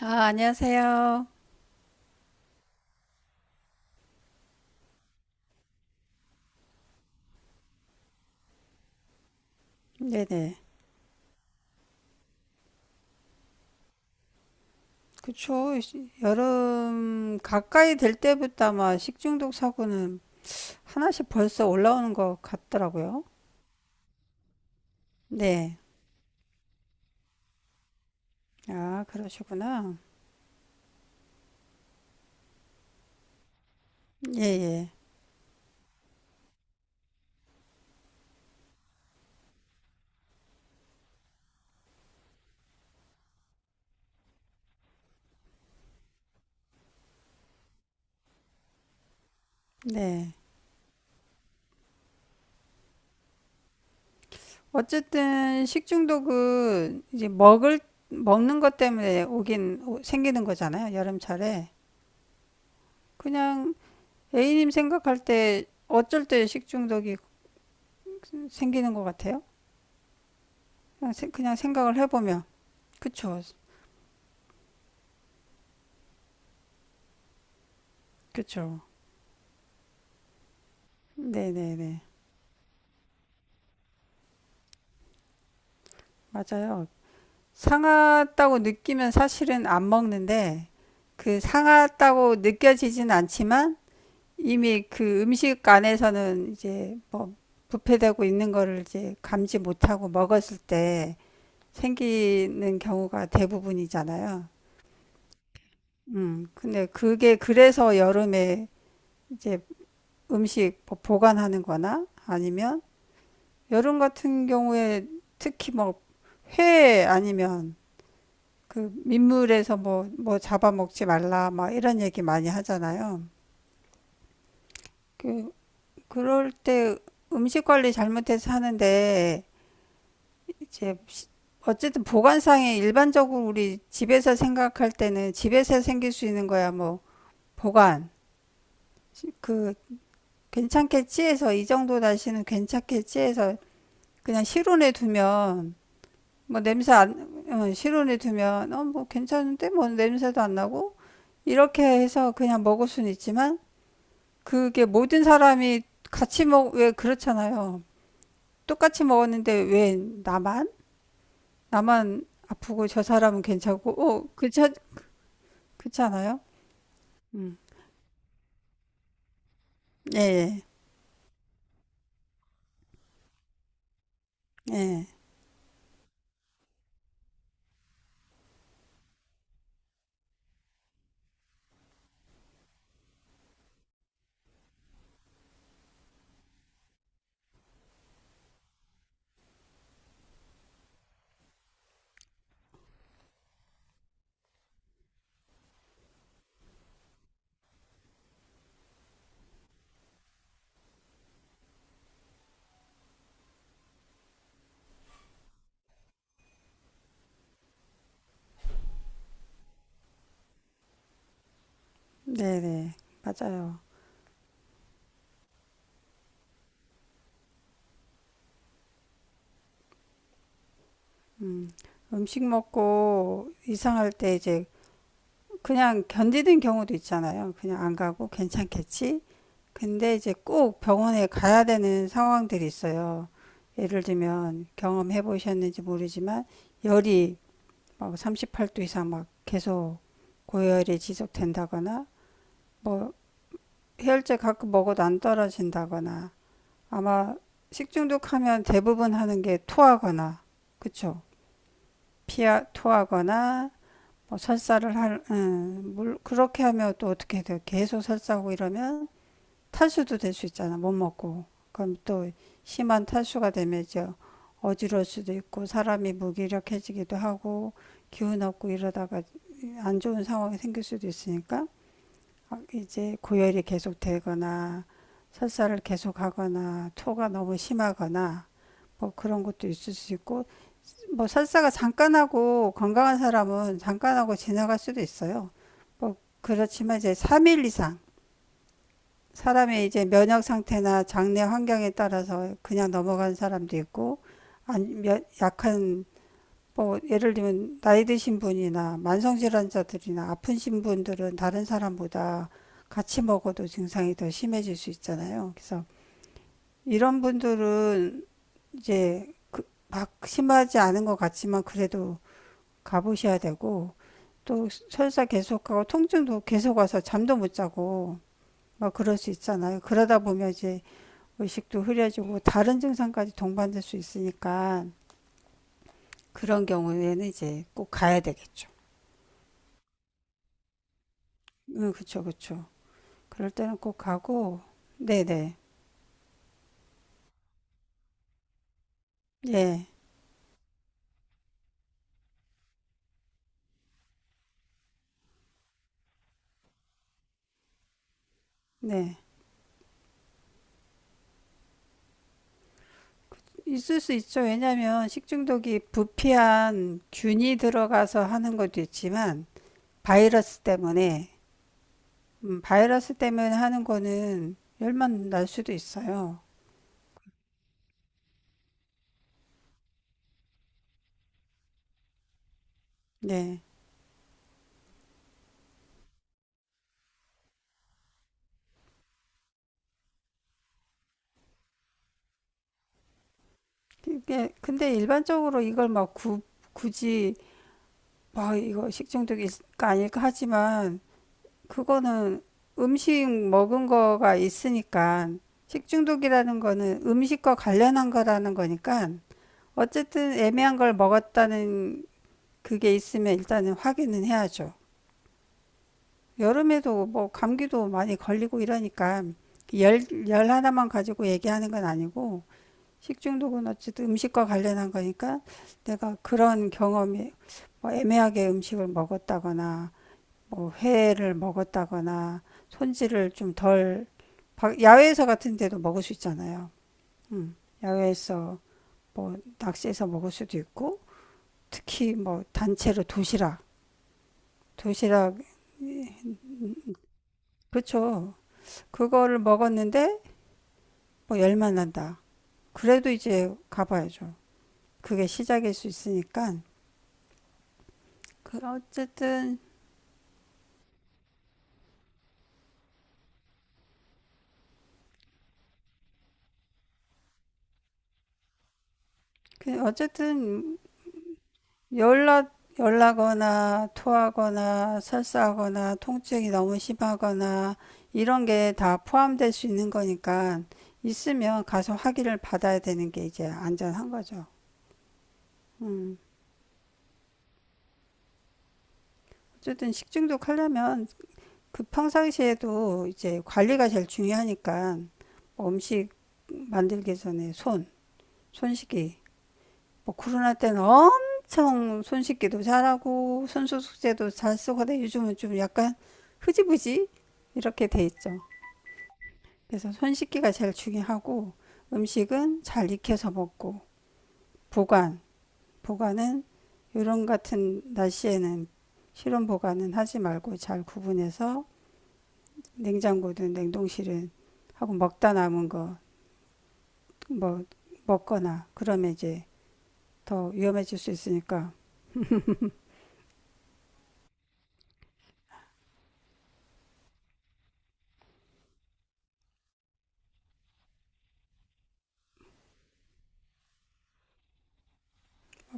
아, 안녕하세요. 네네. 그쵸. 여름 가까이 될 때부터 아마 식중독 사고는 하나씩 벌써 올라오는 것 같더라고요. 네. 아, 그러시구나. 예, 예. 네. 어쨌든 식중독은 이제 먹는 것 때문에 생기는 거잖아요. 여름철에. 그냥 A님 생각할 때 어쩔 때 식중독이 생기는 것 같아요? 그냥 생각을 해보면. 그쵸. 그쵸. 네네네. 맞아요. 상하다고 느끼면 사실은 안 먹는데, 그 상하다고 느껴지진 않지만, 이미 그 음식 안에서는 부패되고 있는 거를 이제 감지 못하고 먹었을 때 생기는 경우가 대부분이잖아요. 근데 그게 그래서 여름에 이제 음식 뭐 보관하는 거나 아니면 여름 같은 경우에 특히 뭐 회 아니면 그 민물에서 뭐 잡아먹지 말라, 막 이런 얘기 많이 하잖아요. 그, 그럴 때 음식 관리 잘못해서 하는데, 이제, 어쨌든 보관상에 일반적으로 우리 집에서 생각할 때는 집에서 생길 수 있는 거야, 뭐, 보관. 그, 괜찮겠지 해서, 이 정도 다시는 괜찮겠지 해서, 그냥 실온에 두면, 뭐 냄새 안, 어, 실온에 두면, 어, 뭐 괜찮은데? 뭐 냄새도 안 나고? 이렇게 해서 그냥 먹을 수는 있지만, 그게 모든 사람이 같이 먹, 왜 그렇잖아요. 똑같이 먹었는데 왜 나만? 나만 아프고 저 사람은 괜찮고, 어, 그렇지, 그렇지 않아요? 음. 예, 예, 예. 네네. 맞아요. 음식 먹고 이상할 때 이제 그냥 견디는 경우도 있잖아요. 그냥 안 가고 괜찮겠지? 근데 이제 꼭 병원에 가야 되는 상황들이 있어요. 예를 들면 경험해 보셨는지 모르지만 열이 막 38도 이상 막 계속 고열이 지속된다거나 뭐 해열제 가끔 먹어도 안 떨어진다거나 아마 식중독하면 대부분 하는 게 토하거나 그쵸? 피하 토하거나 뭐 설사를 할, 물, 그렇게 하면 또 어떻게 돼요? 계속 설사하고 이러면 탈수도 될 수 있잖아. 못 먹고. 그럼 또 심한 탈수가 되면 이제 어지러울 수도 있고 사람이 무기력해지기도 하고 기운 없고 이러다가 안 좋은 상황이 생길 수도 있으니까 이제 고열이 계속 되거나 설사를 계속 하거나 토가 너무 심하거나 뭐 그런 것도 있을 수 있고 뭐 설사가 잠깐 하고 건강한 사람은 잠깐 하고 지나갈 수도 있어요. 뭐 그렇지만 이제 3일 이상 사람의 이제 면역 상태나 장내 환경에 따라서 그냥 넘어간 사람도 있고 안, 약한 뭐 예를 들면 나이 드신 분이나 만성질환자들이나 아프신 분들은 다른 사람보다 같이 먹어도 증상이 더 심해질 수 있잖아요. 그래서 이런 분들은 이제 심하지 않은 것 같지만 그래도 가보셔야 되고 또 설사 계속하고 통증도 계속 와서 잠도 못 자고 막 그럴 수 있잖아요. 그러다 보면 이제 의식도 흐려지고 다른 증상까지 동반될 수 있으니까 그런 경우에는 이제 꼭 가야 되겠죠. 응, 그쵸, 그쵸. 그럴 때는 꼭 가고, 네네, 예, 네. 있을 수 있죠. 왜냐하면 식중독이 부패한 균이 들어가서 하는 것도 있지만, 바이러스 때문에, 바이러스 때문에 하는 거는 열만 날 수도 있어요. 네. 이게, 근데 일반적으로 이걸 막 구, 굳이, 막 이거 식중독일까 아닐까 하지만, 그거는 음식 먹은 거가 있으니까 식중독이라는 거는 음식과 관련한 거라는 거니까 어쨌든 애매한 걸 먹었다는 그게 있으면 일단은 확인은 해야죠. 여름에도 뭐 감기도 많이 걸리고 이러니까 열 하나만 가지고 얘기하는 건 아니고 식중독은 어쨌든 음식과 관련한 거니까 내가 그런 경험이 뭐 애매하게 음식을 먹었다거나 뭐 회를 먹었다거나 손질을 좀 덜 야외에서 같은 데도 먹을 수 있잖아요. 음, 야외에서 뭐 낚시해서 먹을 수도 있고 특히 뭐 단체로 도시락 도시락 그렇죠. 그거를 먹었는데 뭐 열만 난다. 그래도 이제 가봐야죠. 그게 시작일 수 있으니까 그 어쨌든 그 어쨌든 열나, 열나거나 토하거나 설사하거나 통증이 너무 심하거나 이런 게 다 포함될 수 있는 거니까 있으면 가서 확인을 받아야 되는 게 이제 안전한 거죠. 음. 어쨌든 식중독 하려면 그 평상시에도 이제 관리가 제일 중요하니까 뭐 음식 만들기 전에 손 씻기, 뭐 코로나 때는 엄청 손 씻기도 잘하고 손소독제도 잘 쓰고 근데 요즘은 좀 약간 흐지부지 이렇게 돼 있죠. 그래서 손 씻기가 제일 중요하고 음식은 잘 익혀서 먹고 보관, 보관은 요런 같은 날씨에는 실온 보관은 하지 말고 잘 구분해서 냉장고든 냉동실은 하고 먹다 남은 거 뭐 먹거나 그러면 이제 더 위험해질 수 있으니까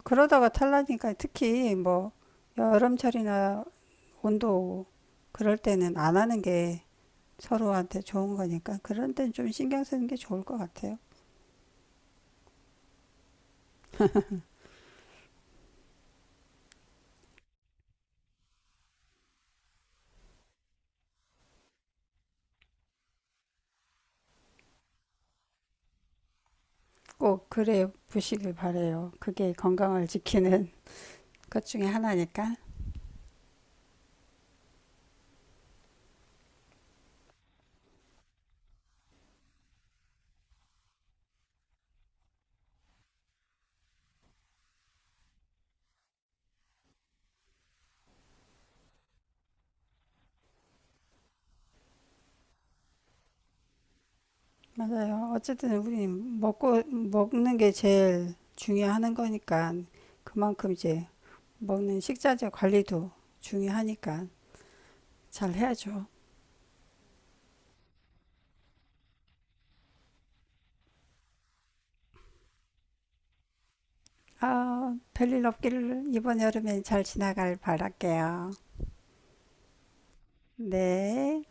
그러다가 탈라니까 특히 뭐 여름철이나 온도 그럴 때는 안 하는 게 서로한테 좋은 거니까 그런 때는 좀 신경 쓰는 게 좋을 것 같아요. 꼭 그래 보시길 바래요. 그게 건강을 지키는 것 중에 하나니까. 맞아요. 어쨌든 우리 먹고 먹는 게 제일 중요한 거니까 그만큼 이제 먹는 식자재 관리도 중요하니까 잘 해야죠. 아, 별일 없기를 이번 여름엔 잘 지나갈 바랄게요. 네.